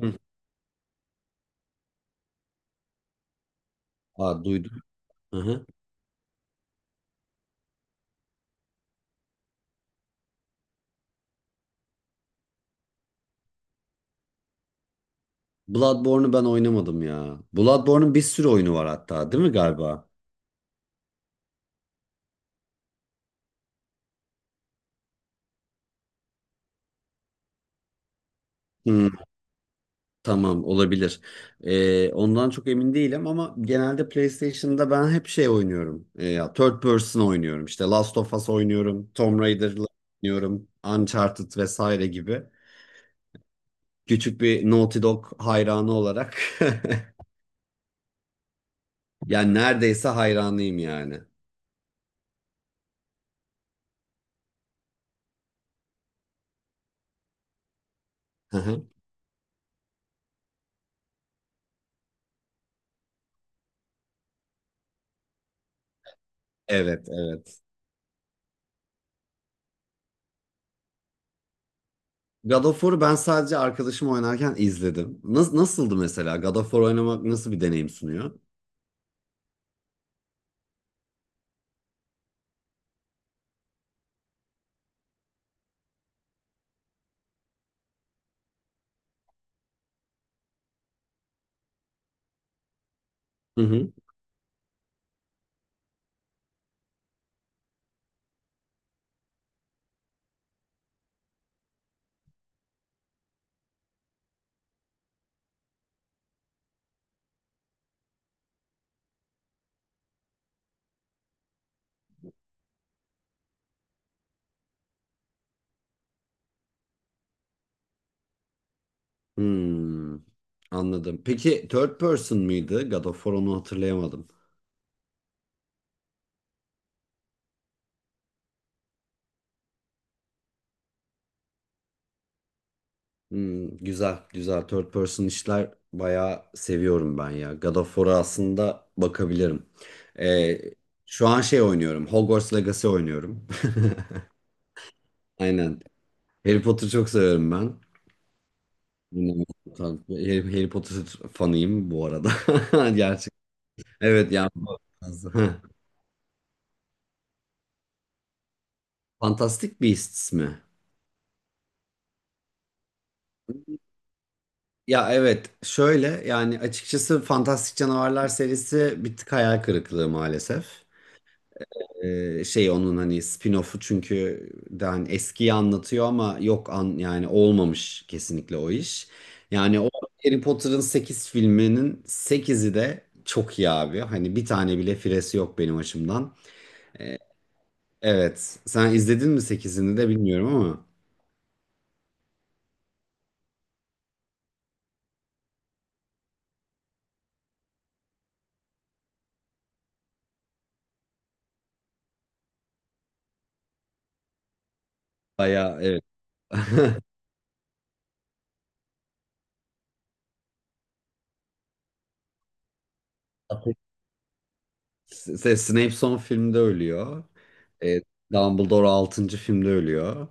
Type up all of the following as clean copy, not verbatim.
Hı. Aa, duydum. Hı hı. Bloodborne'u ben oynamadım ya. Bloodborne'un bir sürü oyunu var hatta, değil mi, galiba? Hı, tamam, olabilir. Ondan çok emin değilim ama genelde PlayStation'da ben hep şey oynuyorum. Ya third person oynuyorum. İşte Last of Us oynuyorum, Tomb Raider'la oynuyorum, Uncharted vesaire gibi. Küçük bir Naughty Dog hayranı olarak yani neredeyse hayranıyım yani. Hı hı. Evet, evet. God of War'u ben sadece arkadaşım oynarken izledim. Nasıldı mesela? God of War oynamak nasıl bir deneyim sunuyor? Hı hı. Hmm, anladım. Peki third person mıydı? God of War, onu hatırlayamadım. Hmm, güzel, güzel. Third person işler bayağı seviyorum ben ya. God of War'a aslında bakabilirim. Ee, şu an şey oynuyorum. Hogwarts Legacy oynuyorum. Aynen. Harry Potter çok seviyorum ben. Bilmiyorum. Harry Potter fanıyım bu arada. Gerçekten. Evet, yani. Heh. Fantastic Beasts mi? Ya, evet, şöyle yani açıkçası Fantastik Canavarlar serisi bir tık hayal kırıklığı maalesef. Şey, onun hani spin-off'u çünkü de hani eskiyi anlatıyor ama yok an yani olmamış kesinlikle o iş. Yani o Harry Potter'ın 8 filminin sekizi de çok iyi abi. Hani bir tane bile firesi yok benim açımdan. Ee, evet, sen izledin mi sekizini de bilmiyorum ama baya evet. Snape son filmde ölüyor. E, Dumbledore altıncı filmde ölüyor.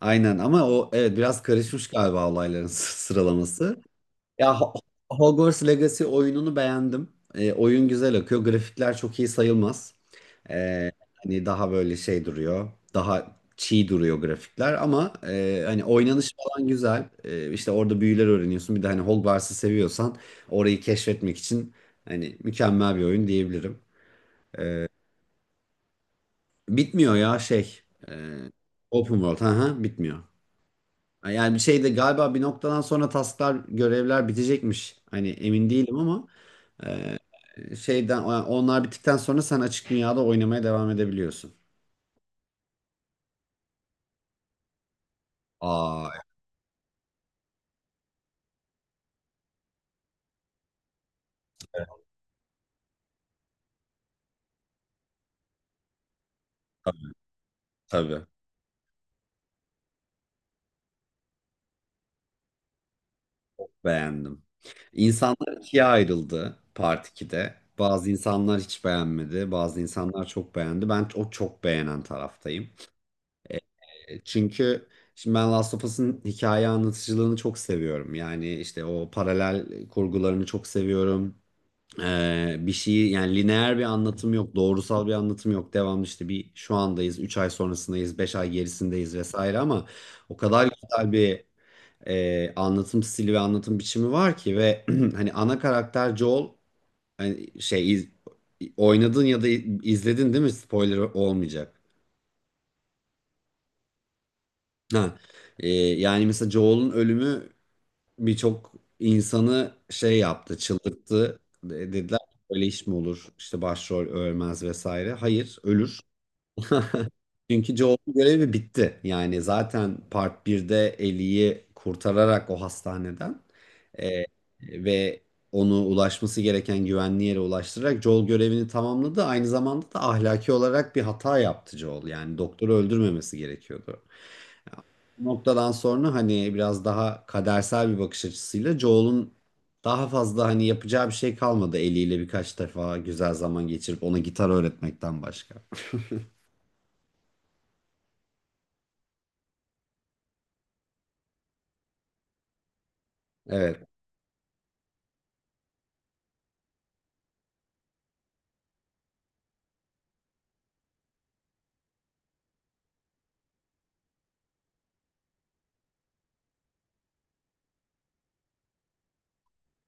Aynen ama o, evet, biraz karışmış galiba olayların sıralaması. Ya, Hogwarts Legacy oyununu beğendim. Oyun güzel akıyor. Grafikler çok iyi sayılmaz. E, hani daha böyle şey duruyor. Daha çiğ duruyor grafikler ama hani oynanış falan güzel. İşte orada büyüler öğreniyorsun. Bir de hani Hogwarts'ı seviyorsan orayı keşfetmek için hani mükemmel bir oyun diyebilirim. Bitmiyor ya şey. e, Open world. Hı hı, bitmiyor. Yani bir şey de galiba bir noktadan sonra tasklar, görevler bitecekmiş. Hani emin değilim ama şeyden onlar bittikten sonra sen açık dünyada oynamaya devam edebiliyorsun. Aa, tabii, tabii. Beğendim. İnsanlar ikiye ayrıldı Part 2'de. Bazı insanlar hiç beğenmedi, bazı insanlar çok beğendi. Ben o çok beğenen taraftayım. Çünkü şimdi ben Last of Us'ın hikaye anlatıcılığını çok seviyorum. Yani işte o paralel kurgularını çok seviyorum. Bir şeyi, yani lineer bir anlatım yok, doğrusal bir anlatım yok. Devamlı işte bir şu andayız, 3 ay sonrasındayız, 5 ay gerisindeyiz vesaire ama o kadar güzel bir anlatım stili ve anlatım biçimi var ki ve hani ana karakter Joel, hani şey, oynadın ya da izledin, değil mi? Spoiler olmayacak. Ha. Yani mesela Joel'un ölümü birçok insanı şey yaptı, çıldırttı. Dediler ki, böyle iş mi olur? İşte başrol ölmez vesaire. Hayır, ölür. Çünkü Joel'un görevi bitti. Yani zaten Part birde Ellie'yi kurtararak o hastaneden, e, ve onu ulaşması gereken güvenli yere ulaştırarak Joel görevini tamamladı. Aynı zamanda da ahlaki olarak bir hata yaptı Joel. Yani doktoru öldürmemesi gerekiyordu. Noktadan sonra hani biraz daha kadersel bir bakış açısıyla Joel'un daha fazla hani yapacağı bir şey kalmadı, eliyle birkaç defa güzel zaman geçirip ona gitar öğretmekten başka. Evet,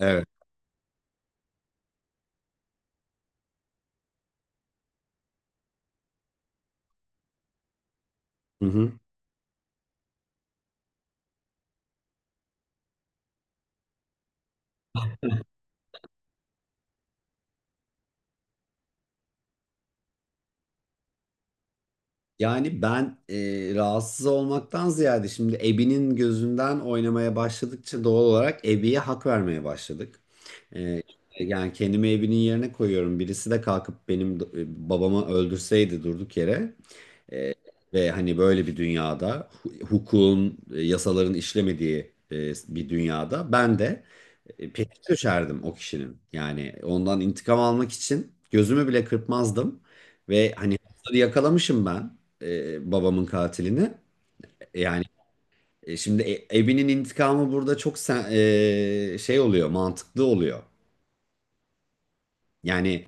evet. Hı hı. Yani ben, rahatsız olmaktan ziyade şimdi Ebi'nin gözünden oynamaya başladıkça doğal olarak Ebi'ye hak vermeye başladık. E, yani kendimi Ebi'nin yerine koyuyorum. Birisi de kalkıp benim babamı öldürseydi durduk yere. E, ve hani böyle bir dünyada, hukukun, yasaların işlemediği bir dünyada ben de peşine düşerdim o kişinin. Yani ondan intikam almak için gözümü bile kırpmazdım. Ve hani hırsızı yakalamışım ben, babamın katilini. E, Yani şimdi, Ebi'nin intikamı burada çok şey oluyor, mantıklı oluyor. Yani,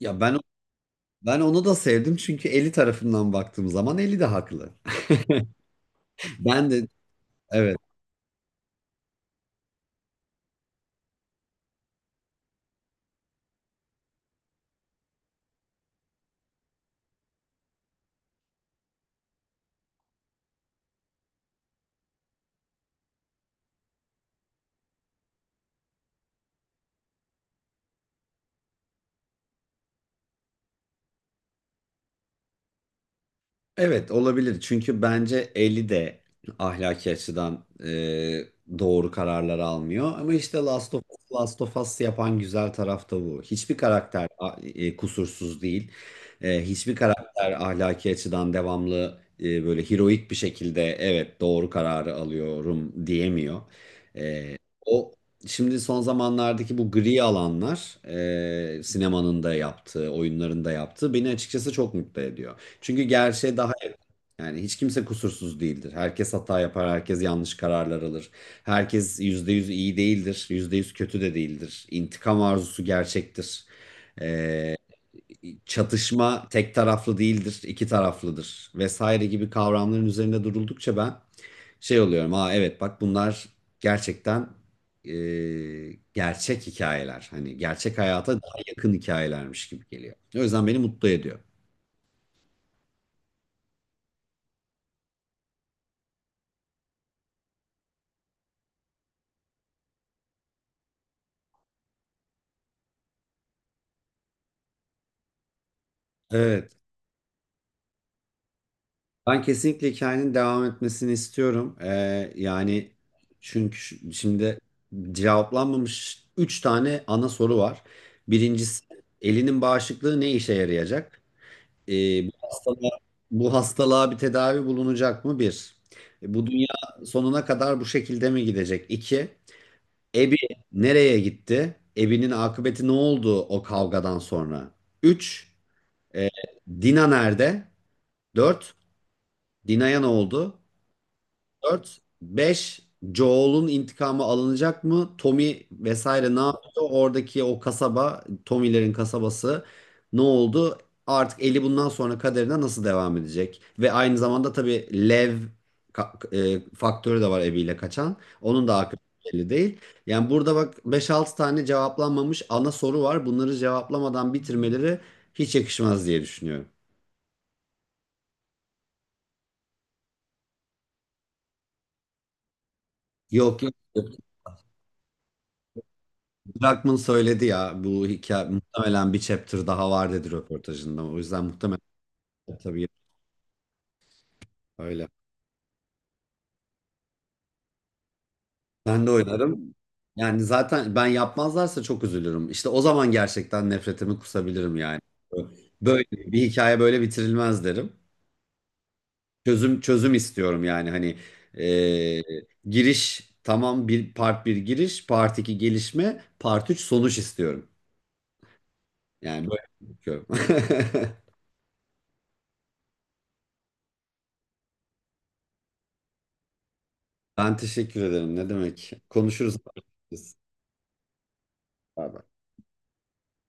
ya, ben onu da sevdim çünkü Eli tarafından baktığım zaman Eli de haklı. Ben de evet. Evet, olabilir çünkü bence Ellie de ahlaki açıdan doğru kararlar almıyor. Ama işte Last of Us, Last of Us yapan güzel taraf da bu. Hiçbir karakter kusursuz değil. Hiçbir karakter ahlaki açıdan devamlı böyle heroik bir şekilde, evet, doğru kararı alıyorum diyemiyor. E, o şimdi son zamanlardaki bu gri alanlar, sinemanın da yaptığı, oyunların da yaptığı, beni açıkçası çok mutlu ediyor. Çünkü gerçeğe daha, yani, hiç kimse kusursuz değildir. Herkes hata yapar, herkes yanlış kararlar alır. Herkes %100 iyi değildir, %100 kötü de değildir. İntikam arzusu gerçektir. Çatışma tek taraflı değildir, iki taraflıdır vesaire gibi kavramların üzerinde duruldukça ben şey oluyorum. Aa, evet, bak, bunlar gerçekten, e, gerçek hikayeler. Hani gerçek hayata daha yakın hikayelermiş gibi geliyor. O yüzden beni mutlu ediyor. Evet. Ben kesinlikle hikayenin devam etmesini istiyorum. Yani çünkü şimdi cevaplanmamış 3 tane ana soru var. Birincisi, elinin bağışıklığı ne işe yarayacak? Bu hastalığa, bir tedavi bulunacak mı? Bir. Bu dünya sonuna kadar bu şekilde mi gidecek? İki. Ebi nereye gitti? Ebi'nin akıbeti ne oldu o kavgadan sonra? Üç. Dina nerede? Dört. Dina'ya ne oldu? 4, 5, Joel'un intikamı alınacak mı? Tommy vesaire ne yapıyor? Oradaki o kasaba, Tommy'lerin kasabası ne oldu? Artık Eli bundan sonra kaderine nasıl devam edecek? Ve aynı zamanda tabii Lev ka- faktörü de var, eviyle kaçan. Onun da akıbeti belli değil. Yani burada bak beş altı tane cevaplanmamış ana soru var. Bunları cevaplamadan bitirmeleri hiç yakışmaz diye düşünüyorum. Yok, yok. Druckmann söyledi ya, bu hikaye muhtemelen bir chapter daha var dedi röportajında. O yüzden muhtemelen, tabii, öyle. Ben de oynarım. Yani zaten ben, yapmazlarsa çok üzülürüm. İşte o zaman gerçekten nefretimi kusabilirim yani. Böyle bir hikaye böyle bitirilmez derim. Çözüm, çözüm istiyorum yani hani, e, giriş, tamam, bir part bir giriş, part 2 gelişme, part 3 sonuç istiyorum. Yani böyle bakıyorum. Ben teşekkür ederim. Ne demek? Konuşuruz. Abi